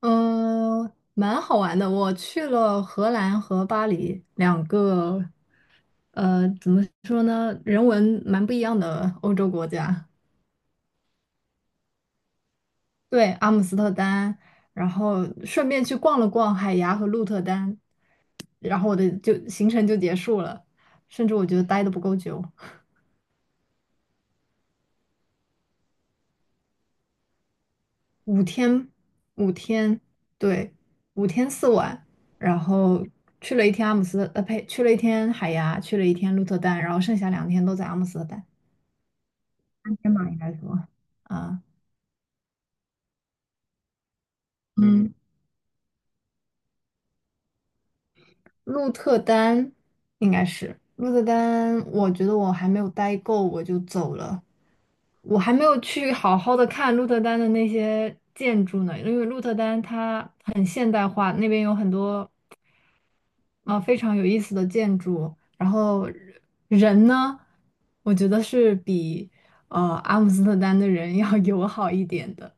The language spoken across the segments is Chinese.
嗯，蛮好玩的。我去了荷兰和巴黎两个，怎么说呢，人文蛮不一样的欧洲国家。对，阿姆斯特丹，然后顺便去逛了逛海牙和鹿特丹，然后我的就行程就结束了。甚至我觉得待的不够久，五天，五天，对，五天四晚，然后去了一天阿姆斯特呃，呸，去了一天海牙，去了一天鹿特丹，然后剩下两天都在阿姆斯特丹。天马应该说，啊，嗯，鹿特丹应该是鹿特丹，我觉得我还没有待够，我就走了。我还没有去好好的看鹿特丹的那些建筑呢，因为鹿特丹它很现代化，那边有很多非常有意思的建筑。然后人呢，我觉得是比阿姆斯特丹的人 要友好一点的。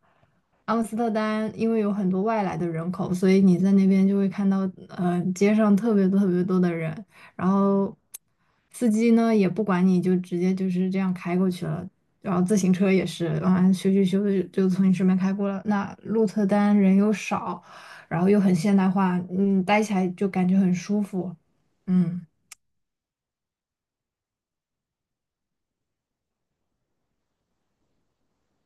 阿姆斯特丹因为有很多外来的人口，所以你在那边就会看到，街上特别多特别多的人，然后司机呢也不管你，就直接就是这样开过去了，然后自行车也是，啊咻咻咻的就从你身边开过了。那鹿特丹人又少，然后又很现代化，待起来就感觉很舒服。嗯，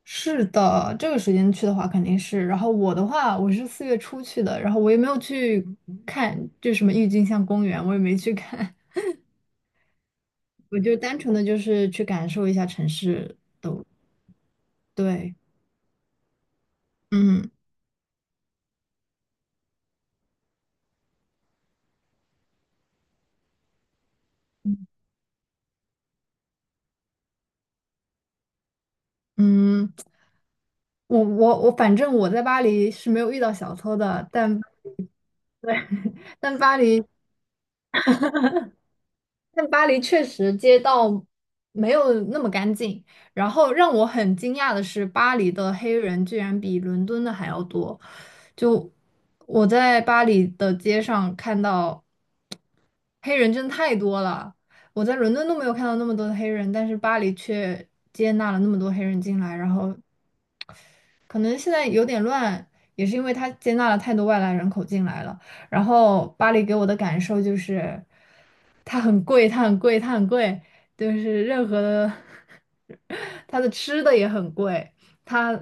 是的，这个时间去的话肯定是。然后我的话，我是四月初去的，然后我也没有去看，就什么郁金香公园，我也没去看，我就单纯的就是去感受一下城市。对，嗯嗯，我我我，反正我在巴黎是没有遇到小偷的，但 对，但巴黎确实街道没有那么干净。然后让我很惊讶的是，巴黎的黑人居然比伦敦的还要多。就我在巴黎的街上看到黑人真的太多了，我在伦敦都没有看到那么多的黑人，但是巴黎却接纳了那么多黑人进来，然后可能现在有点乱，也是因为它接纳了太多外来人口进来了。然后巴黎给我的感受就是，它很贵，它很贵，它很贵，就是任何的，它的吃的也很贵，它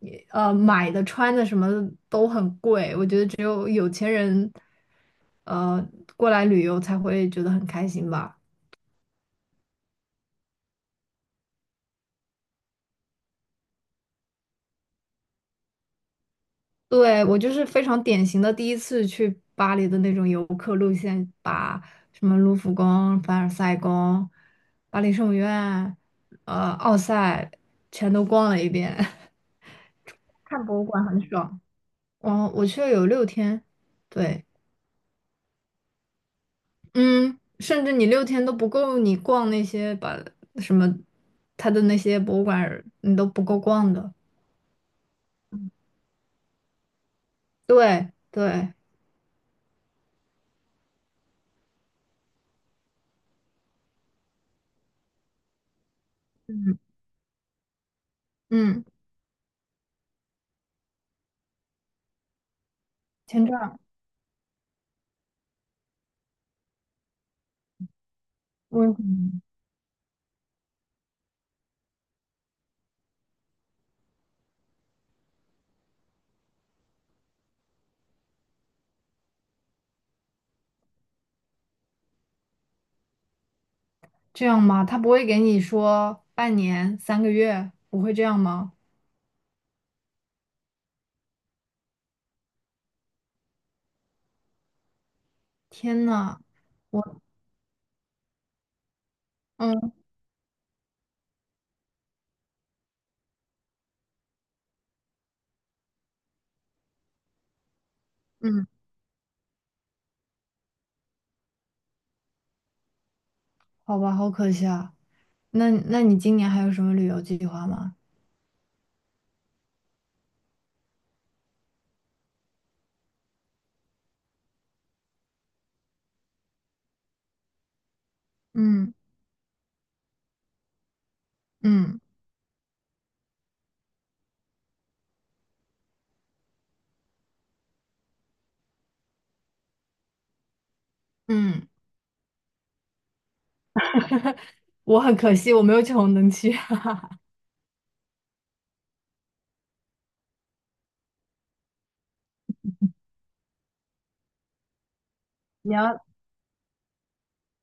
也买的、穿的什么的都很贵。我觉得只有有钱人，呃，过来旅游才会觉得很开心吧。对，我就是非常典型的第一次去巴黎的那种游客路线，把什么卢浮宫、凡尔赛宫、巴黎圣母院、奥赛全都逛了一遍，看博物馆很爽。我去了有六天，对，嗯，甚至你六天都不够你逛那些把什么他的那些博物馆儿你都不够逛的。对对，嗯嗯，签证问题。这样吗？他不会给你说半年、三个月，不会这样吗？天呐，我嗯嗯，好吧，好可惜啊。那你今年还有什么旅游计划吗？嗯嗯嗯，我很可惜，我没有去红灯区。你要，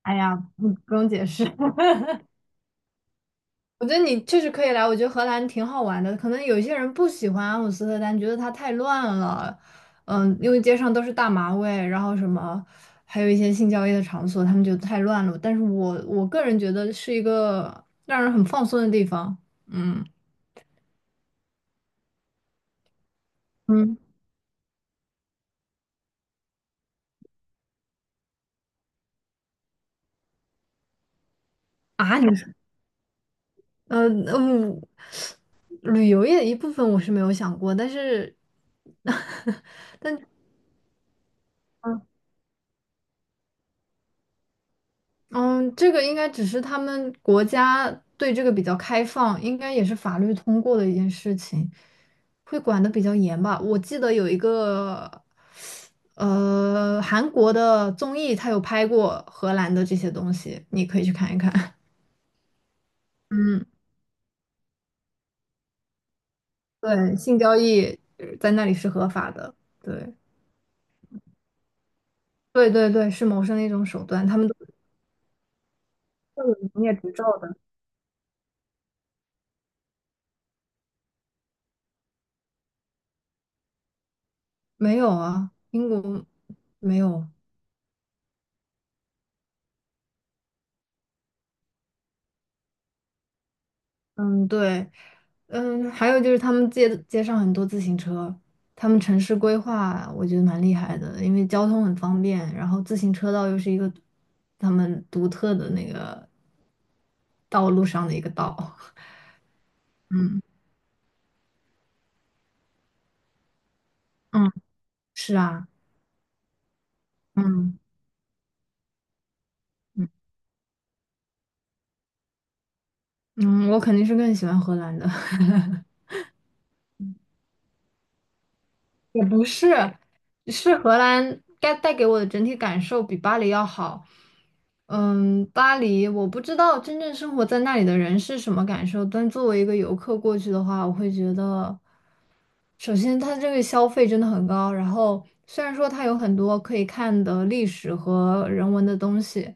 哎呀，不，不用解释。我觉得你确实可以来，我觉得荷兰挺好玩的。可能有一些人不喜欢阿姆斯特丹，觉得它太乱了，因为街上都是大麻味，然后什么，还有一些性交易的场所，他们觉得太乱了。但是我个人觉得是一个让人很放松的地方。嗯嗯，啊，呃嗯，旅游业的一部分我是没有想过，但是 嗯，这个应该只是他们国家对这个比较开放，应该也是法律通过的一件事情，会管得比较严吧。我记得有一个，韩国的综艺，他有拍过荷兰的这些东西，你可以去看一看。嗯，对，性交易在那里是合法的，对，对对对，是谋生的一种手段，他们都有营业执照的。没有啊，英国没有。嗯，对。嗯，还有就是他们街上很多自行车，他们城市规划我觉得蛮厉害的，因为交通很方便，然后自行车道又是一个他们独特的那个道路上的一个道。嗯嗯，是啊，嗯嗯嗯，我肯定是更喜欢荷兰的。也不是，是荷兰该带给我的整体感受比巴黎要好。嗯，巴黎我不知道真正生活在那里的人是什么感受，但作为一个游客过去的话，我会觉得，首先它这个消费真的很高，然后虽然说它有很多可以看的历史和人文的东西，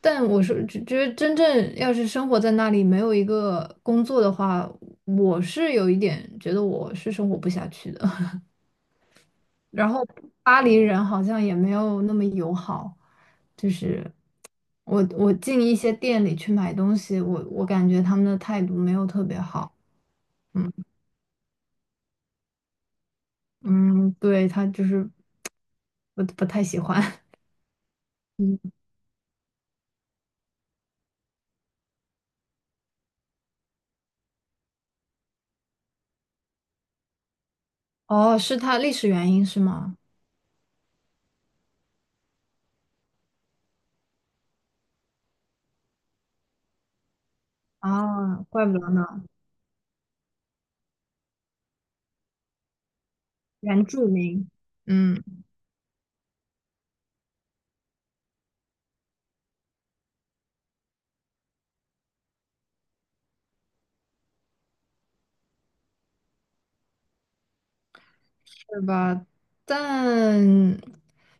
但我是觉得真正要是生活在那里没有一个工作的话，我是有一点觉得我是生活不下去的。然后巴黎人好像也没有那么友好，就是我进一些店里去买东西，我感觉他们的态度没有特别好，嗯嗯，对，他就是不太喜欢，嗯，哦，是他历史原因是吗？啊，怪不得呢，原住民，嗯，是吧？但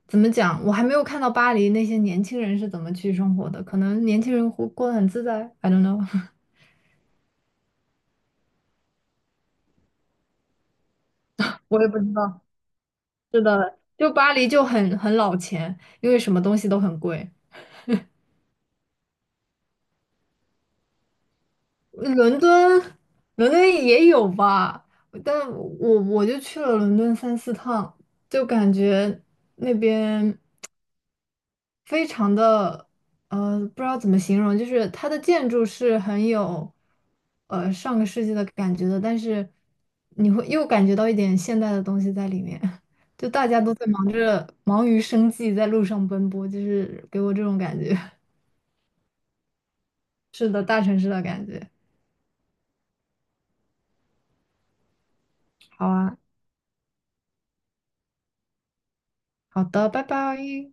怎么讲，我还没有看到巴黎那些年轻人是怎么去生活的，可能年轻人活过得很自在，I don't know，我也不知道。是的，就巴黎就很老钱，因为什么东西都很贵。伦敦，伦敦也有吧，但我就去了伦敦三四趟，就感觉那边非常的，不知道怎么形容，就是它的建筑是很有，上个世纪的感觉的，但是你会又感觉到一点现代的东西在里面。就大家都在忙着忙于生计，在路上奔波，就是给我这种感觉。是的，大城市的感觉。好啊，好的，拜拜。